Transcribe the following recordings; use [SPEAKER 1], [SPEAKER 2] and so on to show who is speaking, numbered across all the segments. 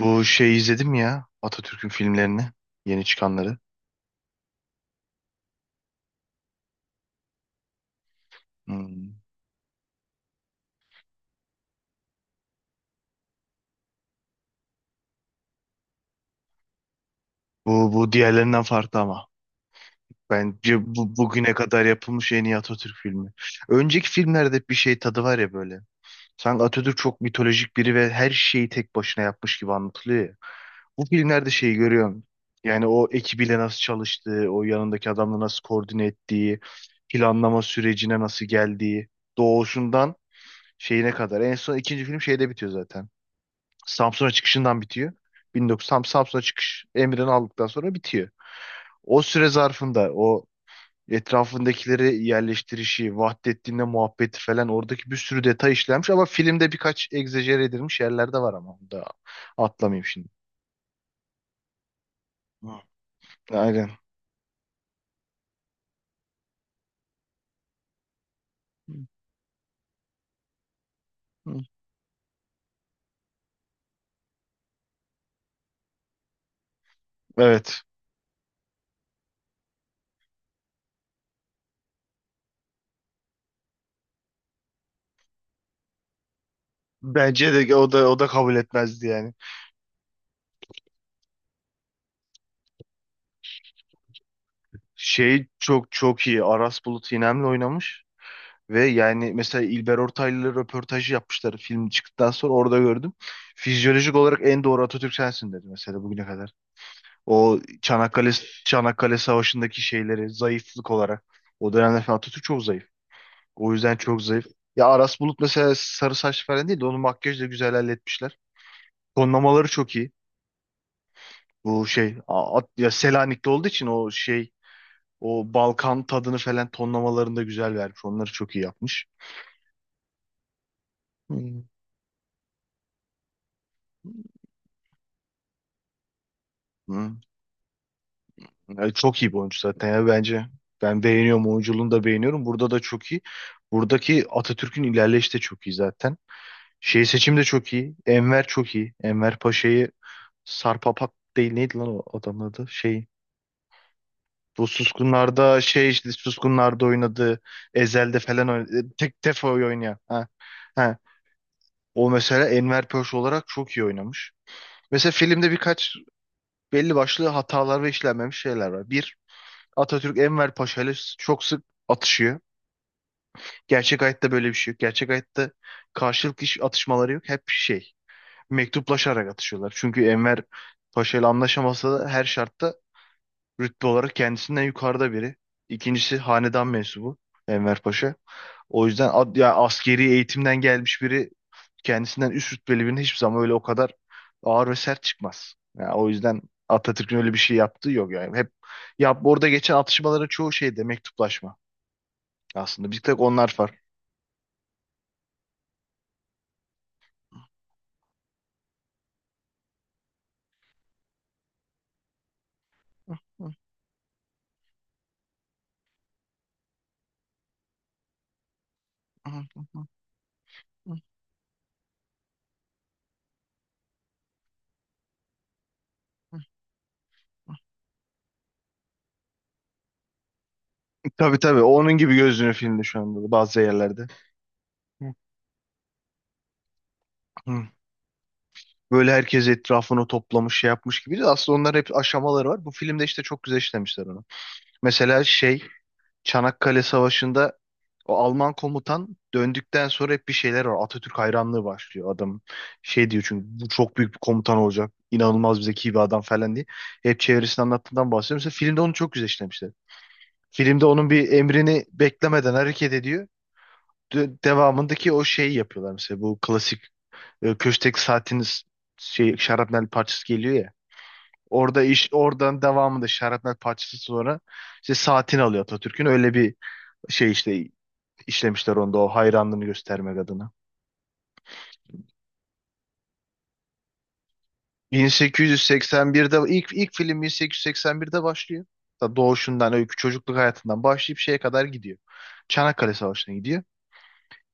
[SPEAKER 1] Bu izledim ya Atatürk'ün filmlerini yeni çıkanları. Hmm. Bu diğerlerinden farklı ama. Bence bu bugüne kadar yapılmış en iyi Atatürk filmi. Önceki filmlerde bir şey tadı var ya böyle. Sanki Atatürk çok mitolojik biri ve her şeyi tek başına yapmış gibi anlatılıyor ya. Bu filmlerde şeyi görüyorum. Yani o ekibiyle nasıl çalıştığı, o yanındaki adamla nasıl koordine ettiği, planlama sürecine nasıl geldiği, doğuşundan şeyine kadar. En son ikinci film şeyde bitiyor zaten. Samsun'a çıkışından bitiyor. 1900 tam Samsun'a çıkış emrini aldıktan sonra bitiyor. O süre zarfında o etrafındakileri yerleştirişi, Vahdettin'le muhabbeti falan oradaki bir sürü detay işlenmiş ama filmde birkaç egzajere edilmiş yerler de var ama onu da atlamayayım şimdi. Hı. Aynen. Hı. Evet. Bence de o da kabul etmezdi yani. Çok çok iyi. Aras Bulut İynem'le oynamış. Ve yani mesela İlber Ortaylı'yla röportajı yapmışlar film çıktıktan sonra orada gördüm. Fizyolojik olarak en doğru Atatürk sensin dedi mesela bugüne kadar. O Çanakkale Savaşı'ndaki şeyleri zayıflık olarak o dönemde falan Atatürk çok zayıf. O yüzden çok zayıf. Ya Aras Bulut mesela sarı saç falan değil de onu makyajla güzel halletmişler. Tonlamaları çok iyi. Bu ya Selanik'te olduğu için o o Balkan tadını falan tonlamalarında güzel vermiş. Onları çok iyi yapmış. Hmm. Hı. Ya çok iyi bir oyuncu zaten ya bence. Ben beğeniyorum oyunculuğunu da beğeniyorum. Burada da çok iyi. Buradaki Atatürk'ün ilerleyişi de çok iyi zaten. Seçim de çok iyi. Enver çok iyi. Enver Paşa'yı Sarpapat değil neydi lan o adamın adı? Bu Suskunlar'da işte Suskunlar'da oynadı. Ezel'de falan oynadı. Tek Tefo'yu oynayan. Ha. Ha. O mesela Enver Paşa olarak çok iyi oynamış. Mesela filmde birkaç belli başlı hatalar ve işlenmemiş şeyler var. Bir Atatürk Enver Paşa ile çok sık atışıyor. Gerçek hayatta böyle bir şey yok. Gerçek hayatta karşılıklı hiç atışmaları yok. Hep mektuplaşarak atışıyorlar. Çünkü Enver Paşa ile anlaşamasa da her şartta rütbe olarak kendisinden yukarıda biri. İkincisi hanedan mensubu Enver Paşa. O yüzden ya askeri eğitimden gelmiş biri kendisinden üst rütbeli birinin hiçbir zaman öyle o kadar ağır ve sert çıkmaz. Yani o yüzden Atatürk'ün öyle bir şey yaptığı yok yani. Hep ya orada geçen atışmaların çoğu şeyde mektuplaşma. Aslında bir tek onlar var. Tabii tabii onun gibi gözünü filmde şu anda da bazı yerlerde. Böyle herkes etrafını toplamış şey yapmış gibi. Aslında onlar hep aşamaları var. Bu filmde işte çok güzel işlemişler onu. Mesela Çanakkale Savaşı'nda o Alman komutan döndükten sonra hep bir şeyler var. Atatürk hayranlığı başlıyor adam. Şey diyor çünkü bu çok büyük bir komutan olacak. İnanılmaz bir zeki bir adam falan diye. Hep çevresini anlattığından bahsediyorum. Mesela filmde onu çok güzel işlemişler. Filmde onun bir emrini beklemeden hareket ediyor. Devamındaki o şeyi yapıyorlar mesela bu klasik köşkteki saatiniz şarapnel parçası geliyor ya. Orada iş oradan devamında şarapnel parçası sonra işte saatini alıyor Atatürk'ün. Öyle bir şey işte işlemişler onda o hayranlığını göstermek adına. 1881'de ilk film 1881'de başlıyor. Ta doğuşundan, öykü çocukluk hayatından başlayıp şeye kadar gidiyor. Çanakkale Savaşı'na gidiyor.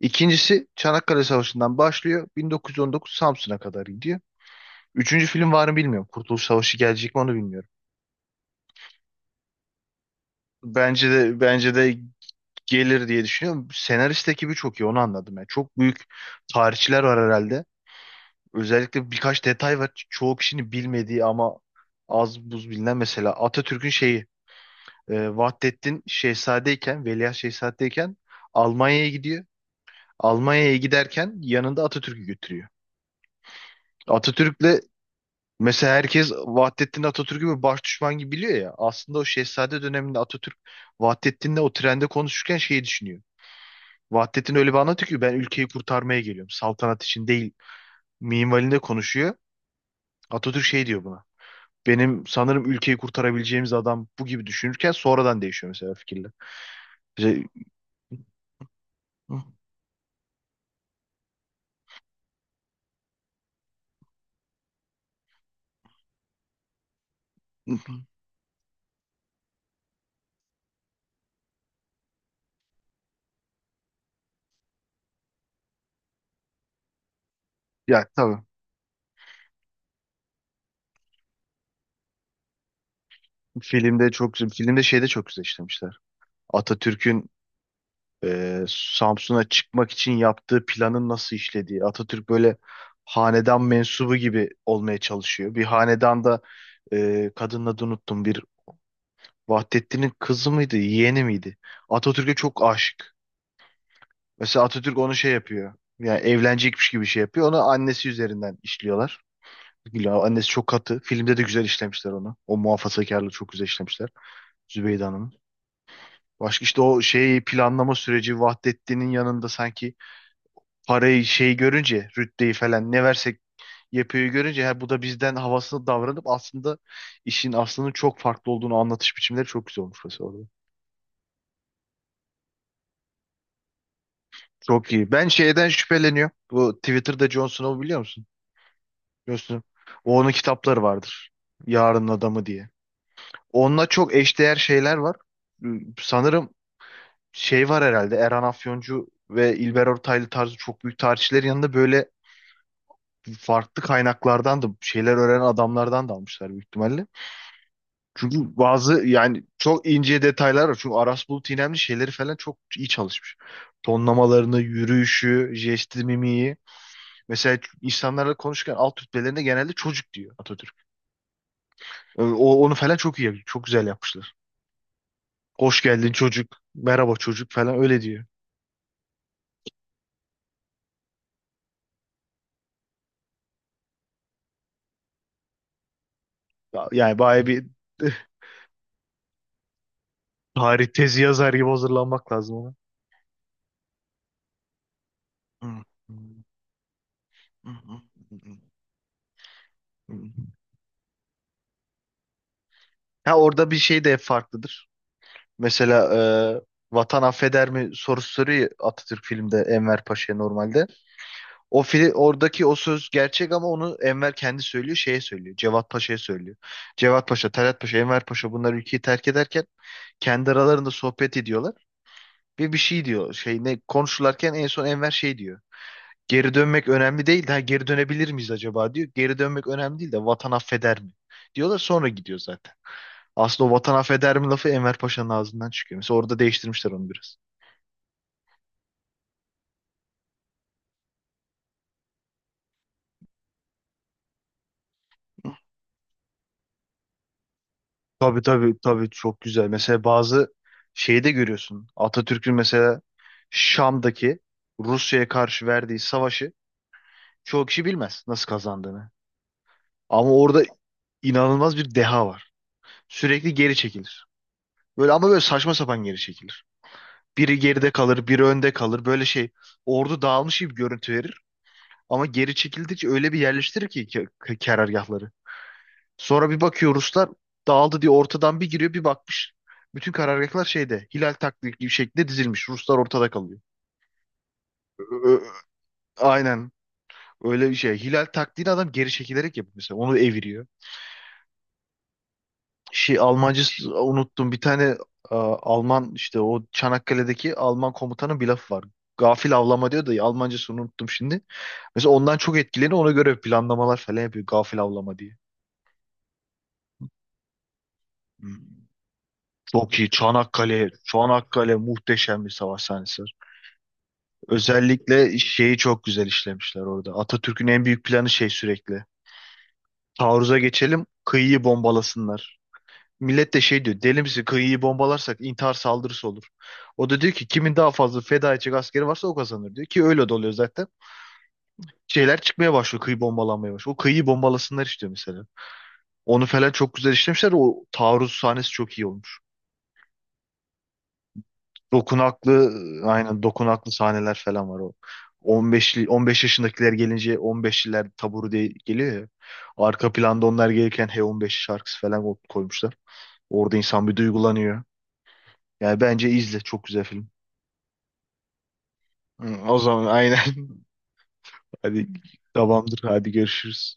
[SPEAKER 1] İkincisi Çanakkale Savaşı'ndan başlıyor. 1919 Samsun'a kadar gidiyor. Üçüncü film var mı bilmiyorum. Kurtuluş Savaşı gelecek mi onu bilmiyorum. Bence de gelir diye düşünüyorum. Senarist ekibi çok iyi onu anladım. Yani çok büyük tarihçiler var herhalde. Özellikle birkaç detay var. Çoğu kişinin bilmediği ama az buz bilinen mesela Atatürk'ün şeyi Vahdettin Veliaht Şehzade'yken Almanya'ya gidiyor. Almanya'ya giderken yanında Atatürk'ü götürüyor. Atatürk'le Mesela herkes Vahdettin Atatürk'ü bir baş düşman gibi biliyor ya. Aslında o Şehzade döneminde Atatürk Vahdettin'le o trende konuşurken şeyi düşünüyor. Vahdettin öyle bir anlatıyor ki ben ülkeyi kurtarmaya geliyorum. Saltanat için değil. Minvalinde konuşuyor. Atatürk şey diyor buna. Benim sanırım ülkeyi kurtarabileceğimiz adam bu gibi düşünürken sonradan değişiyor mesela fikirler. İşte- ya tabii. Filmde çok güzel. Filmde şeyde çok güzel işlemişler. Atatürk'ün Samsun'a çıkmak için yaptığı planın nasıl işlediği. Atatürk böyle hanedan mensubu gibi olmaya çalışıyor. Bir hanedanda kadının adını unuttum. Bir Vahdettin'in kızı mıydı, yeğeni miydi? Atatürk'e çok aşık. Mesela Atatürk onu şey yapıyor. Yani evlenecekmiş gibi şey yapıyor. Onu annesi üzerinden işliyorlar. Güla, annesi çok katı. Filmde de güzel işlemişler onu. O muhafazakarlığı çok güzel işlemişler. Zübeyde Hanım'ın. Başka işte o şey planlama süreci Vahdettin'in yanında sanki parayı şey görünce rütbeyi falan ne versek yapıyor görünce ha, bu da bizden havasını davranıp aslında işin aslının çok farklı olduğunu anlatış biçimleri çok güzel olmuş mesela orada. Çok iyi. Ben şeyden şüpheleniyorum. Bu Twitter'da Jon Snow'u biliyor musun? Jon Snow. O onun kitapları vardır. Yarının Adamı diye. Onunla çok eşdeğer şeyler var. Ee, Sanırım şey var herhalde. Erhan Afyoncu ve İlber Ortaylı tarzı çok büyük tarihçilerin yanında böyle farklı kaynaklardan da şeyler öğrenen adamlardan da almışlar büyük ihtimalle. Çünkü bazı yani çok ince detaylar var. Çünkü Aras Bulut İynemli şeyleri falan çok iyi çalışmış. Tonlamalarını, yürüyüşü, jesti, mimiği. Mesela insanlarla konuşurken alt rütbelerinde genelde çocuk diyor Atatürk. Onu falan çok iyi yapıyor. Çok güzel yapmışlar. Hoş geldin çocuk, merhaba çocuk falan öyle diyor. Yani baya bir tarih tezi yazar gibi hazırlanmak lazım ona. Hı, hı, hı, hı, hı, hı. Ha orada bir şey de farklıdır. Mesela e, vatan affeder mi sorusu soruyor ya Atatürk filmde Enver Paşa'ya normalde. O fil oradaki o söz gerçek ama onu Enver kendi söylüyor, şeye söylüyor. Cevat Paşa'ya söylüyor. Cevat Paşa, Talat Paşa, Enver Paşa bunlar ülkeyi terk ederken kendi aralarında sohbet ediyorlar ve bir şey diyor. Şey ne konuşurlarken en son Enver şey diyor. Geri dönmek önemli değil de ha, geri dönebilir miyiz acaba diyor. Geri dönmek önemli değil de vatan affeder mi? Diyorlar sonra gidiyor zaten. Aslında o vatan affeder mi lafı Enver Paşa'nın ağzından çıkıyor. Mesela orada değiştirmişler onu biraz. Tabii tabii tabii çok güzel. Mesela bazı şeyi de görüyorsun. Atatürk'ün mesela Şam'daki Rusya'ya karşı verdiği savaşı çoğu kişi bilmez nasıl kazandığını. Ama orada inanılmaz bir deha var. Sürekli geri çekilir. Böyle ama böyle saçma sapan geri çekilir. Biri geride kalır, biri önde kalır. Böyle ordu dağılmış gibi görüntü verir. Ama geri çekildikçe öyle bir yerleştirir ki karargahları. Sonra bir bakıyor Ruslar dağıldı diye ortadan bir giriyor bir bakmış. Bütün karargahlar şeyde hilal taktiği gibi şekilde dizilmiş. Ruslar ortada kalıyor. Ö- ö- Aynen öyle bir şey. Hilal taktiğini adam geri çekilerek yapıyor mesela. Onu eviriyor. Almancı unuttum. Bir tane Alman işte o Çanakkale'deki Alman komutanın bir lafı var. Gafil avlama diyor da Almancasını unuttum şimdi. Mesela ondan çok etkileniyor. Ona göre planlamalar falan yapıyor. Gafil avlama diye. Hmm. Çok iyi. Çanakkale, Çanakkale muhteşem bir savaş sahnesi var. Özellikle şeyi çok güzel işlemişler orada. Atatürk'ün en büyük planı şey sürekli. Taarruza geçelim, kıyıyı bombalasınlar. Millet de şey diyor. Deli misin? Kıyıyı bombalarsak intihar saldırısı olur. O da diyor ki kimin daha fazla feda edecek askeri varsa o kazanır diyor. Ki öyle de oluyor zaten. Şeyler çıkmaya başlıyor. Kıyı bombalanmaya başlıyor. O kıyıyı bombalasınlar istiyor mesela. Onu falan çok güzel işlemişler. O taarruz sahnesi çok iyi olmuş. Dokunaklı aynen dokunaklı sahneler falan var o. 15 yaşındakiler gelince 15'liler taburu diye geliyor ya. Arka planda onlar gelirken H15 şarkısı falan koymuşlar. Orada insan bir duygulanıyor. Yani bence izle çok güzel film. Hı, o zaman aynen. Hadi tamamdır. Hadi görüşürüz.